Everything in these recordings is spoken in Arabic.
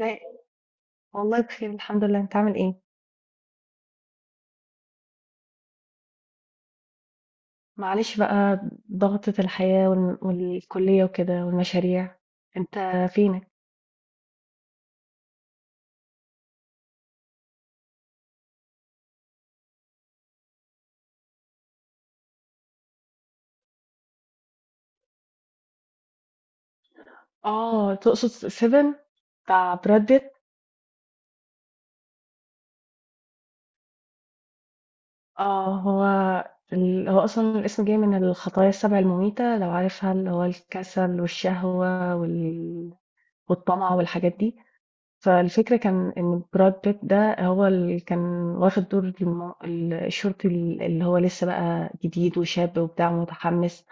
لا، والله بخير، الحمد لله. انت عامل ايه؟ معلش بقى، ضغطة الحياة وال- والكلية وكده والمشاريع. انت فينك؟ اه، تقصد سيفن بتاع براد بيت. اه، هو اصلا الاسم جاي من الخطايا السبع المميتة، لو عارفها، اللي هو الكسل والشهوة والطمع والحاجات دي. فالفكرة كان ان براد بيت ده هو اللي كان واخد دور الشرطي اللي هو لسه بقى جديد وشاب وبتاع متحمس،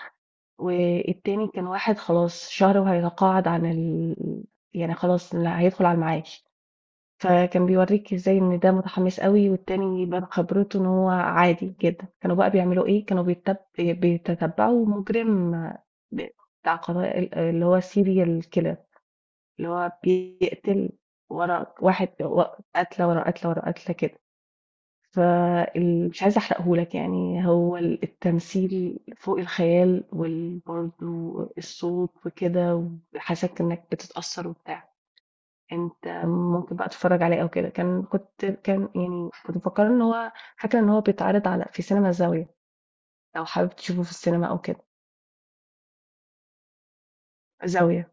والتاني كان واحد خلاص شهر وهيتقاعد عن يعني خلاص، لا هيدخل على المعاش. فكان بيوريك ازاي ان ده متحمس قوي، والتاني بقى خبرته ان هو عادي جدا. كانوا بقى بيعملوا ايه؟ كانوا بيتتبعوا مجرم، ب- بتاع قضايا اللي هو سيريال كيلر اللي هو بيقتل ورا واحد قتلة ورا قتلة ورا قتلة كده. فمش عايزة احرقهولك، يعني هو التمثيل فوق الخيال، وبرضه الصوت وكده، وحاسك انك بتتأثر وبتاع. انت ممكن بقى تتفرج عليه او كده. كان كنت كان يعني كنت مفكرة ان هو، فاكرة ان هو بيتعرض على في سينما زاوية، لو حابب تشوفه في السينما او كده. زاوية.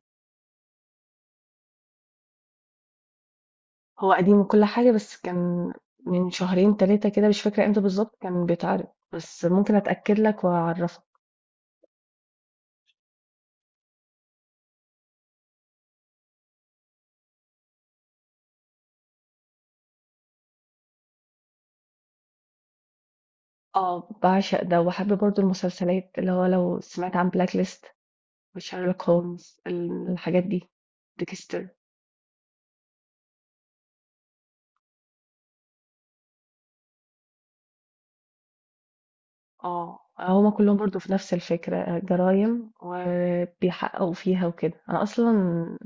هو قديم وكل حاجة، بس كان من شهرين تلاتة كده، مش فاكرة امتى بالظبط كان بيتعرض، بس ممكن اتأكد لك واعرفك. آه، باعشق ده، وأحب برضه المسلسلات، اللي هو لو سمعت عن بلاك ليست وشارلوك هولمز الحاجات دي، ديكستر. اه، هما كلهم برضه في نفس الفكرة، جرايم وبيحققوا فيها وكده. أنا أصلا،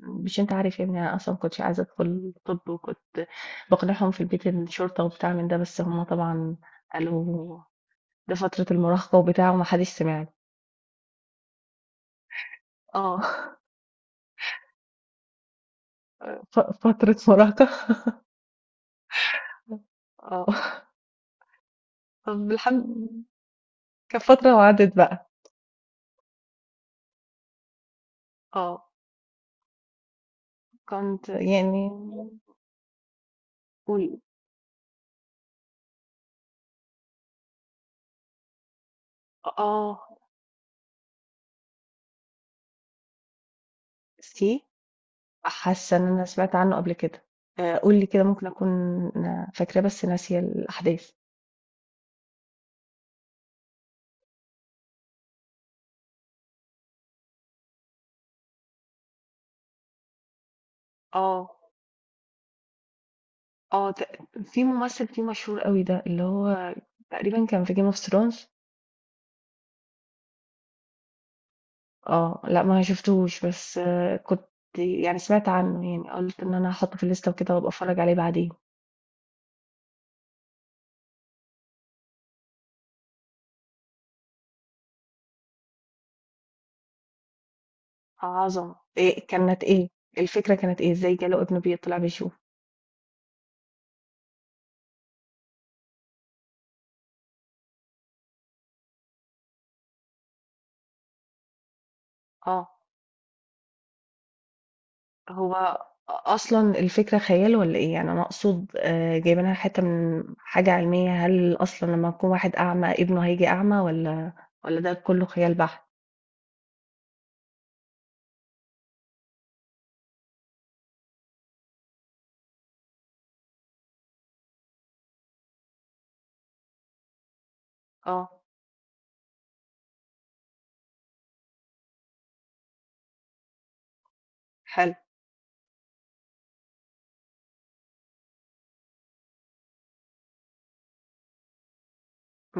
مش أنت عارف يا ابني، أنا أصلا كنتش عايزة أدخل طب، وكنت بقنعهم في البيت إن الشرطة وبتاع من ده، بس هما طبعا قالوا ده فترة المراهقة وبتاع، ومحدش سمعني. اه. ف- فترة مراهقة. اه. طب الحمد. كانت فترة وعدت بقى. اه، كنت يعني. قولي. اه، سي. حاسة ان انا سمعت عنه قبل كده. آه، قولي كده، ممكن اكون فاكرة بس ناسية الاحداث. اه. في ممثل فيه مشهور قوي ده، اللي هو تقريبا كان في جيم اوف ثرونز. اه، لا ما شفتوش، بس آه، كنت يعني سمعت عنه، يعني قلت ان انا هحطه في الليستة وكده وابقى اتفرج عليه بعدين. عظمة. إيه كانت ايه الفكرة؟ كانت ايه؟ ازاي جاله ابنه بيطلع بيشوف؟ اه، هو أصلا الفكرة خيال ولا إيه؟ يعني أنا أقصد، آه، جايبينها حتة من حاجة علمية؟ هل أصلا لما يكون واحد أعمى ابنه هيجي أعمى، ولا ولا ده كله خيال بحت؟ اه. حلو.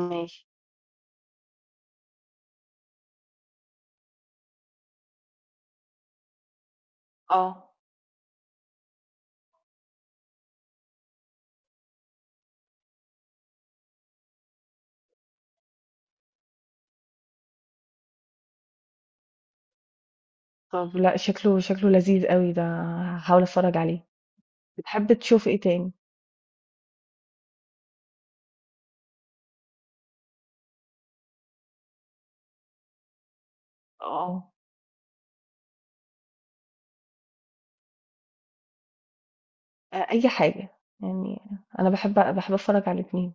ماشي. اه. طب لا، شكله شكله لذيذ قوي ده، هحاول اتفرج عليه. بتحب تشوف ايه تاني؟ اه. آه، اي حاجة، يعني انا بحب اتفرج على الاتنين.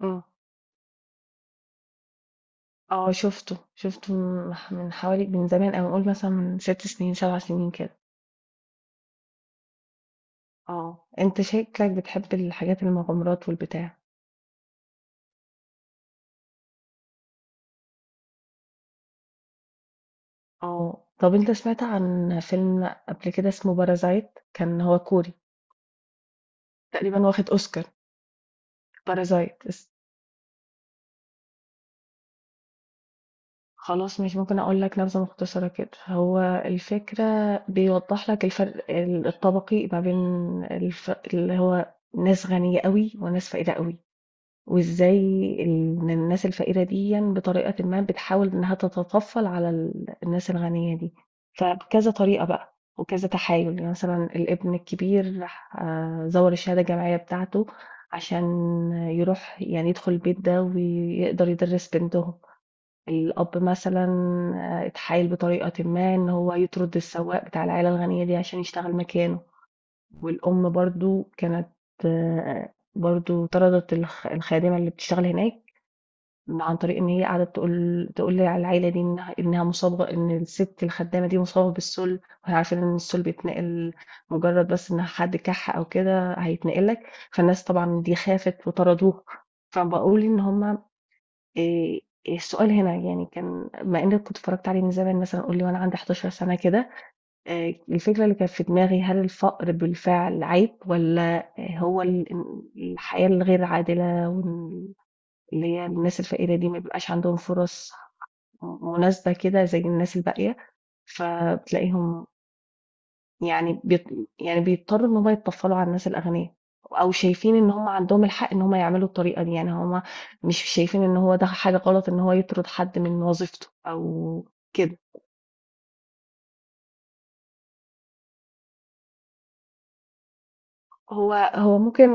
مم. اه، شفته شفته من حوالي، من زمان، او نقول مثلا من ست سنين سبع سنين كده. آه. أنت شكلك بتحب الحاجات المغامرات والبتاع. آه. آه. طب أنت سمعت عن فيلم قبل كده اسمه بارازايت؟ كان هو كوري، تقريبا واخد أوسكار، بارازيت. بارازايت اس. خلاص ماشي، ممكن أقول لك نبذة مختصرة كده. هو الفكرة بيوضح لك الفرق الطبقي ما بين اللي هو ناس غنية قوي وناس فقيرة قوي. وازاي إن الناس الفقيرة دي بطريقة ما بتحاول انها تتطفل على الناس الغنية دي. فبكذا طريقة بقى وكذا تحايل، يعني مثلا الابن الكبير راح، آه، زور الشهادة الجامعية بتاعته عشان يروح يعني يدخل البيت ده ويقدر يدرس بنتهم. الأب مثلا، آه، اتحايل بطريقة ما ان هو يطرد السواق بتاع العيلة الغنية دي عشان يشتغل مكانه. والأم برضه كانت، آه، برضه طردت الخادمة اللي بتشتغل هناك، عن طريق ان هي قعدت تقول للعيله دي انها مصابه، ان الست الخدامه دي مصابه بالسل، وهي عارفه ان السل بيتنقل مجرد بس ان حد كح او كده هيتنقل لك. فالناس طبعا دي خافت وطردوها. فبقول ان هما، إيه، السؤال هنا يعني، كان مع اني كنت اتفرجت عليه من زمان، مثلا قول لي وانا عندي 11 سنه كده، الفكرة اللي كانت في دماغي، هل الفقر بالفعل عيب، والّا هو الحياة الغير عادلة وال اللي هي الناس الفقيرة دي ما بيبقاش عندهم فرص م مناسبة كده زي الناس الباقية، فبتلاقيهم يعني يعني بيضطروا إن هُم يتطفّلوا على الناس الأغنيا، أو شايفين إن هُم عندهم الحق إن هُم يعملوا الطريقة دي. يعني هُم مش شايفين إن هو ده حاجة غلط، إن هو يطرد حد من وظيفته أو كده. هو ممكن،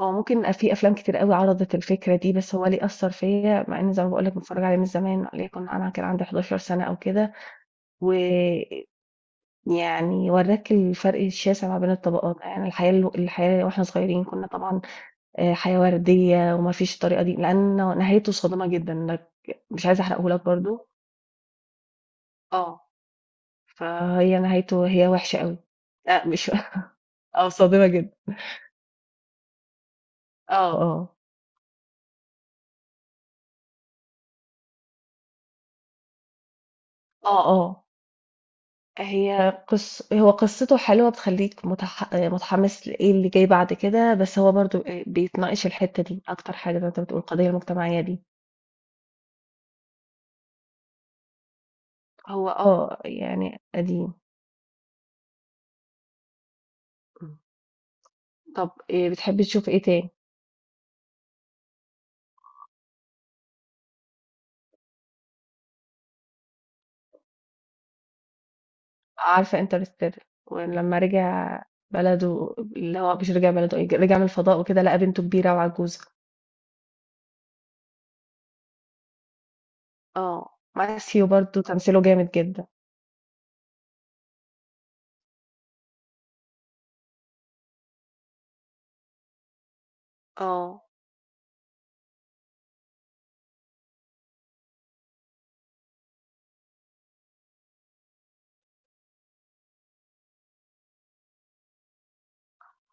اه ممكن، في افلام كتير قوي عرضت الفكره دي، بس هو ليه اثر فيا، مع ان زي ما بقول لك متفرج عليه من زمان، ليكن انا كان عندي 11 سنه او كده. ويعني وراك الفرق الشاسع ما بين الطبقات، يعني الحياه واحنا صغيرين كنا طبعا، آه، حياه ورديه وما فيش الطريقه دي، لان نهايته صادمه جدا لك. مش عايزه احرقه لك برضو. اه، فهي نهايته هي وحشه قوي. لا، مش. اه، صادمه جدا. اه. اه. اه. اه، هو قصته حلوة، بتخليك متحمس لإيه اللي جاي بعد كده، بس هو برضو بيتناقش الحتة دي أكتر حاجة، زي ما أنت بتقول، القضية المجتمعية دي. هو اه، يعني قديم. طب إيه بتحبي تشوف إيه تاني؟ عارفة انترستيلر، ولما رجع بلده، اللي هو مش رجع بلده، إيه، رجع من الفضاء وكده، لقى بنته كبيرة وعجوزة. اه، ماثيو برضو تمثيله جامد جدا. اه.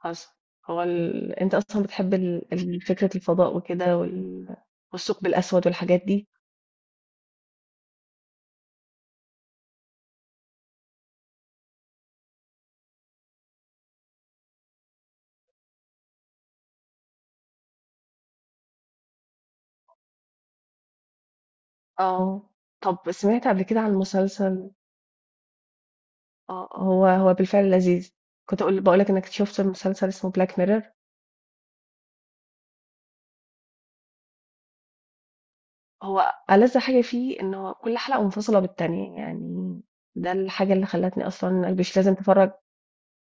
حصل. انت اصلا بتحب فكرة الفضاء وكده والثقب الاسود والحاجات دي. اه. طب سمعت قبل كده عن مسلسل؟ اه، هو بالفعل لذيذ. كنت اقول بقولك انك شفت مسلسل اسمه بلاك ميرور. هو ألذ حاجة فيه ان هو كل حلقة منفصلة بالتانية، يعني ده الحاجة اللي خلتني اصلا مش لازم تفرج.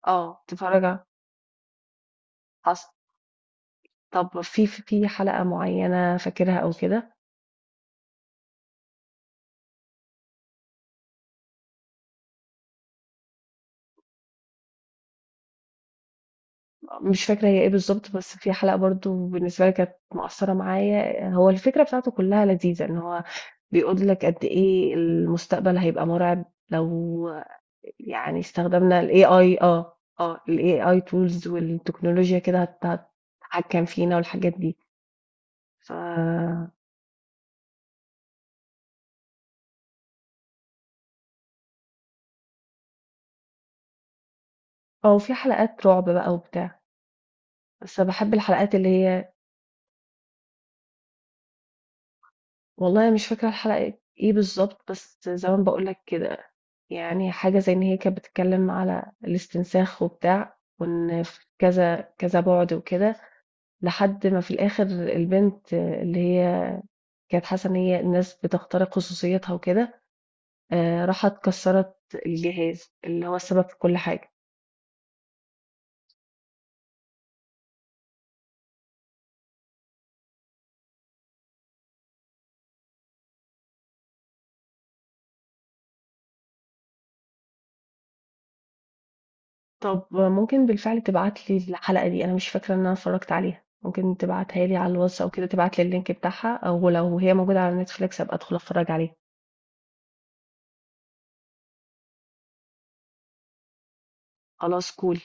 اه، حصل. طب في في حلقة معينة فاكرها او كده؟ مش فاكرة هي إيه بالضبط، بس في حلقة برضه بالنسبة لي كانت مأثّرة معايا، هو الفكرة بتاعته كلّها لذيذة، إن هو بيقول لك قد إيه المستقبل هيبقى مرعب لو، يعني، استخدمنا الAI، آه، آه، الAI tools والتكنولوجيا كده، هتتحكم فينا والحاجات دي، ف، آه، وفي حلقات رعب بقى وبتاع، بس باحب الحلقات اللي هي. والله مش فاكرة الحلقة إيه بالضبط، بس زي ما باقول لك كده، يعني حاجة زي إن هي كانت بتتكلم على الاستنساخ وبتاع، وإن في كذا كذا بعد وكده، لحد ما في الآخر البنت اللي هي كانت حاسة إن هي الناس بتخترق خصوصيتها وكده، آه، راحت كسرت الجهاز اللي هو السبب في كل حاجة. طب ممكن بالفعل تبعتلي الحلقة دي، أنا مش فاكرة إن أنا اتفرجت عليها. ممكن تبعتها لي على الواتس أو كده، تبعتلي اللينك بتاعها، أو لو هي موجودة على نتفليكس أبقى أدخل أتفرج عليها. خلاص، كول.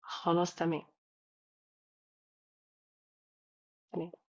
خلاص، تمام. تمام.